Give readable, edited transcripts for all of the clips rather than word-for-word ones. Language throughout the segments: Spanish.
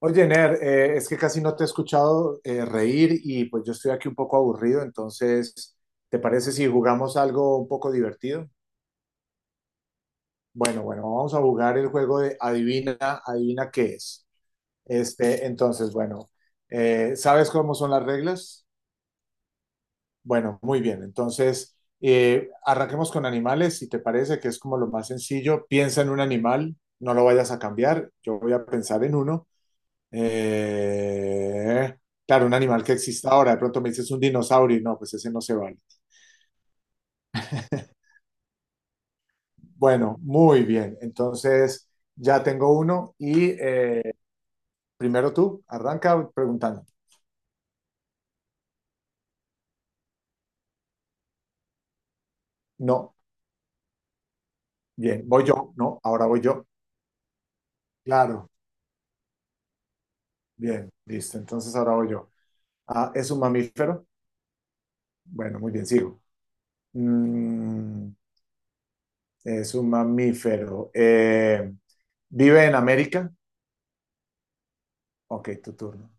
Oye, Ner, es que casi no te he escuchado reír y pues yo estoy aquí un poco aburrido, entonces, ¿te parece si jugamos algo un poco divertido? Bueno, bueno, vamos a jugar el juego de adivina, adivina qué es. Este, entonces, bueno, ¿sabes cómo son las reglas? Bueno, muy bien, entonces, arranquemos con animales, si te parece que es como lo más sencillo, piensa en un animal, no lo vayas a cambiar, yo voy a pensar en uno. Eh, claro, un animal que exista ahora. De pronto me dices un dinosaurio y no, pues ese no se vale. Bueno, muy bien. Entonces ya tengo uno y primero tú, arranca preguntando. No, bien, voy yo. No, ahora voy yo. Claro, bien, listo. Entonces ahora voy yo. Ah, ¿es un mamífero? Bueno, muy bien, sigo. Mm, es un mamífero. ¿Vive en América? Ok, tu turno.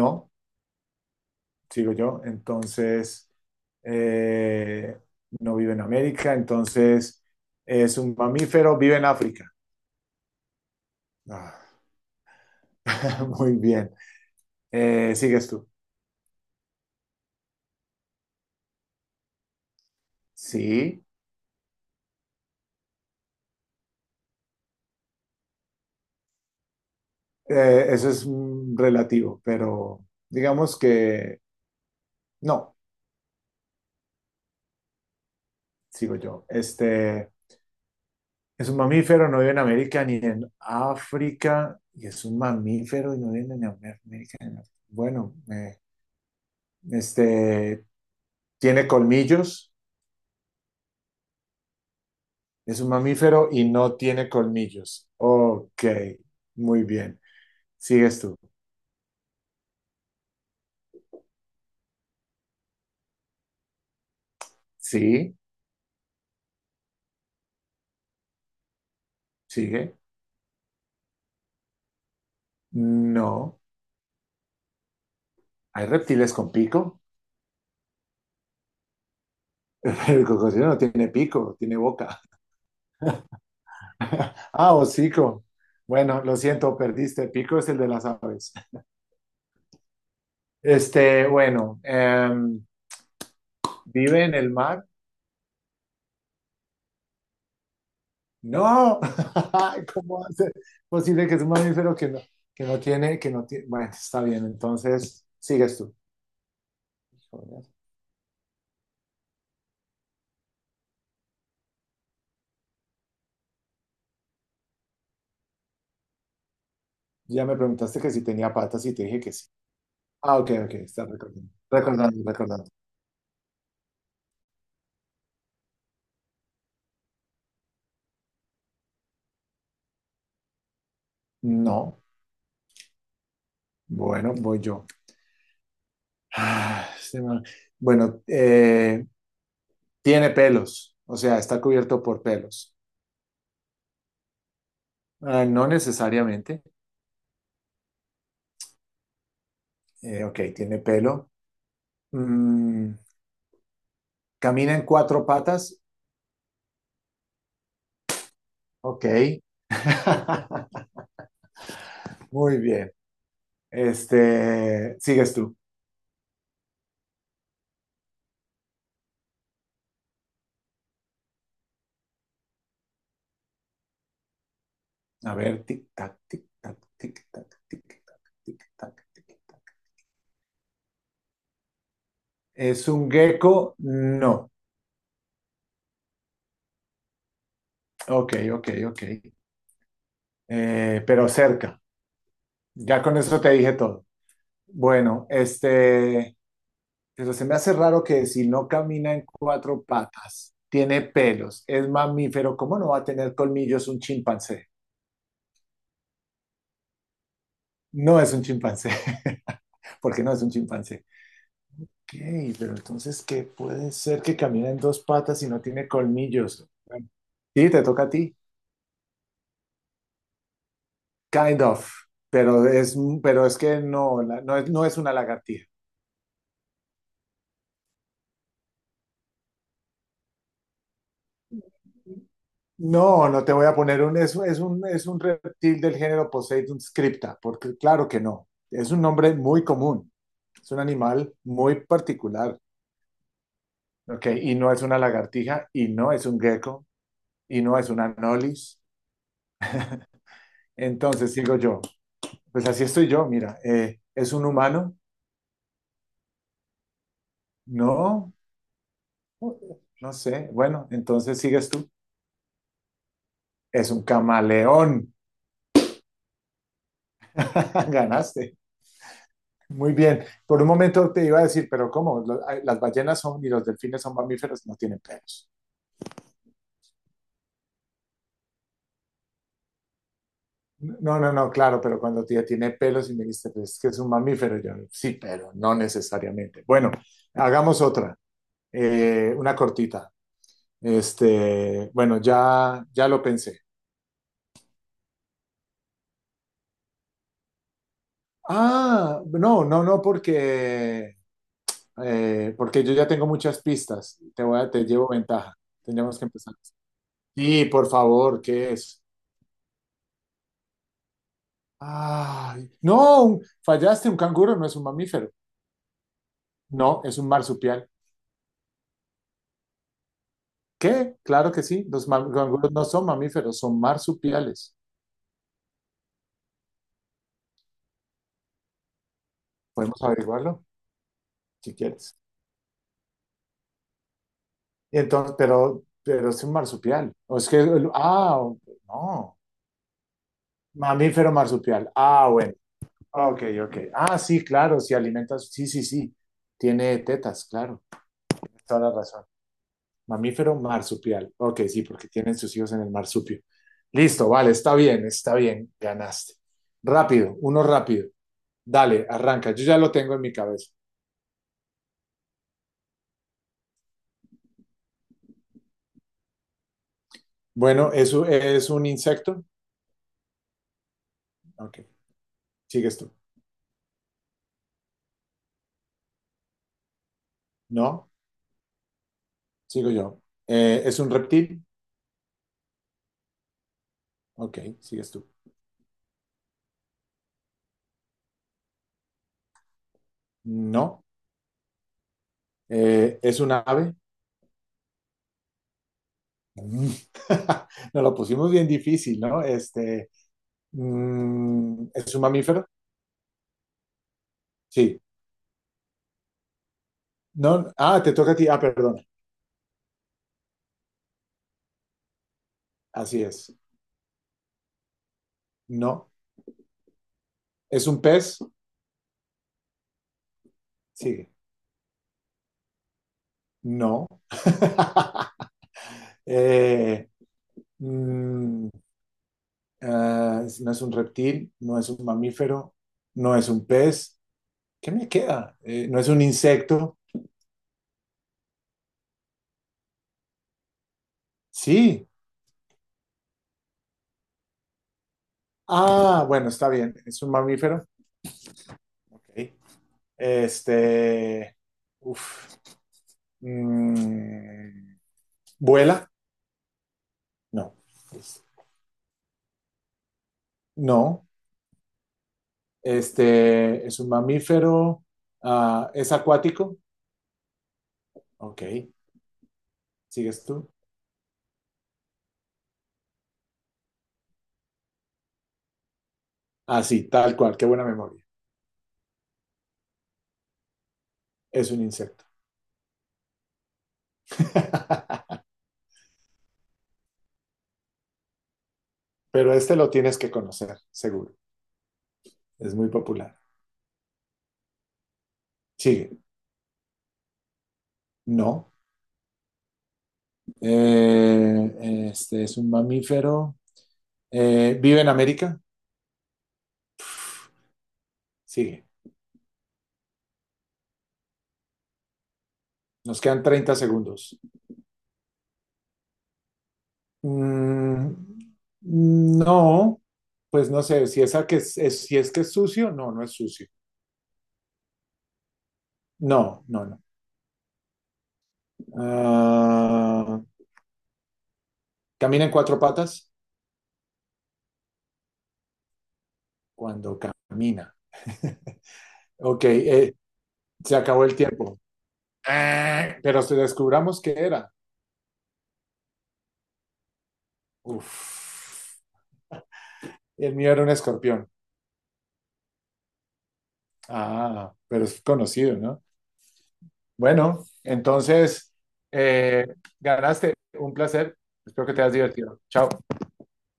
No. Sigo yo, entonces eh, no vive en América, entonces es un mamífero, vive en África. Ah, muy bien. ¿Sigues tú? Sí. Eso es relativo, pero digamos que no, sigo yo. Este es un mamífero, no vive en América ni en África, y es un mamífero y no vive en América ni en África. Bueno, este tiene colmillos. Es un mamífero y no tiene colmillos. Ok, muy bien. ¿Sigues tú? Sí, sigue. No. ¿Hay reptiles con pico? El cocodrilo no tiene pico, tiene boca. Ah, hocico. Bueno, lo siento, perdiste. Pico es el de las aves. Este, bueno, ¿vive en el mar? No. ¿Cómo hace posible que es un mamífero que no, que no tiene? Bueno, está bien, entonces sigues tú. Ya me preguntaste que si tenía patas y te dije que sí. Ah, ok, ok, está recordando. Recordando, recordando. No, bueno, voy yo. Ah, este man. Bueno, tiene pelos, o sea, está cubierto por pelos. Ah, no necesariamente. Ok, tiene pelo. Mm, camina en cuatro patas. Ok. Muy bien. Este, sigues tú. A ver, tic-tac, tic-tac, tic-tac, tic-tac, tic-tac, tic-tac. ¿Es un gecko? No. Ok, ok, ok. Pero cerca. Ya con eso te dije todo. Bueno, este, pero se me hace raro que si no camina en cuatro patas, tiene pelos, es mamífero, ¿cómo no va a tener colmillos un chimpancé? No es un chimpancé, porque no es un chimpancé. Ok, pero entonces, ¿qué puede ser que camine en dos patas y no tiene colmillos? Bueno, sí, te toca a ti. Kind of, pero es, pero es que no, la- no es, no es una lagartija. No, no te voy a poner es un reptil del género Poseidon scripta, porque claro que no. Es un nombre muy común, es un animal muy particular, ¿ok? Y no es una lagartija, y no es un gecko, y no es una anolis. Entonces sigo yo, pues así estoy yo, mira, ¿es un humano? No, no sé. Bueno, entonces sigues tú. Es un camaleón. Ganaste. Muy bien. Por un momento te iba a decir, pero ¿cómo? Ay, las ballenas son y los delfines son mamíferos, no tienen pelos. No, no, no, claro, pero cuando tía tiene pelos y me dijiste, pues es que es un mamífero, yo, sí, pero no necesariamente. Bueno, hagamos otra, una cortita. Este, bueno, ya, ya lo pensé. Ah, no, no, no, porque, porque yo ya tengo muchas pistas. Te llevo ventaja. Teníamos que empezar. Sí, por favor, ¿qué es? Ay, no, un- fallaste, un canguro no es un mamífero. No, es un marsupial. ¿Qué? Claro que sí, canguros no son mamíferos, son marsupiales. Podemos averiguarlo si quieres. Y entonces, pero es un marsupial. O es que, ah, ok, no, mamífero marsupial. Ah, bueno, ok, ok. Ah, sí, claro, si alimentas, sí, sí, sí. Tiene tetas, claro, toda la razón. Mamífero marsupial. Ok, sí, porque tienen sus hijos en el marsupio. Listo, vale, está bien, ganaste. Rápido, uno rápido. Dale, arranca. Yo ya lo tengo en mi cabeza. Bueno, ¿eso es un insecto? Ok, sigues tú. No, sigo yo. ¿Es un reptil? Ok, sigues tú. No. ¿Es un ave? Mm. Nos lo pusimos bien difícil, ¿no? Este, ¿es un mamífero? Sí. No, ah, te toca a ti. Ah, perdón. Así es. No. ¿Es un pez? Sigue. No. Eh, mm, ah, no es un reptil, no es un mamífero, no es un pez. ¿Qué me queda? ¿No es un insecto? Sí. Ah, bueno, está bien. Es un mamífero. Ok. Este. Uf. Mm, ¿vuela? No. No. Este. Es un mamífero. Ah, ¿es acuático? Ok. ¿Sigues tú? Ah, sí, tal cual, qué buena memoria. Es un insecto. Pero este lo tienes que conocer, seguro. Es muy popular. Sigue. No. Este es un mamífero. ¿Vive en América? Sigue. Nos quedan 30 segundos. Mm, no, pues no sé, si, es a que es- si es que es sucio, no, no es sucio. No, no, no. Ah, ¿camina en cuatro patas? Cuando camina. Ok, se acabó el tiempo. Ah, pero si descubramos qué era. Uf. El mío era un escorpión. Ah, pero es conocido, ¿no? Bueno, entonces, eh, ganaste. Un placer. Espero que te hayas divertido. Chao.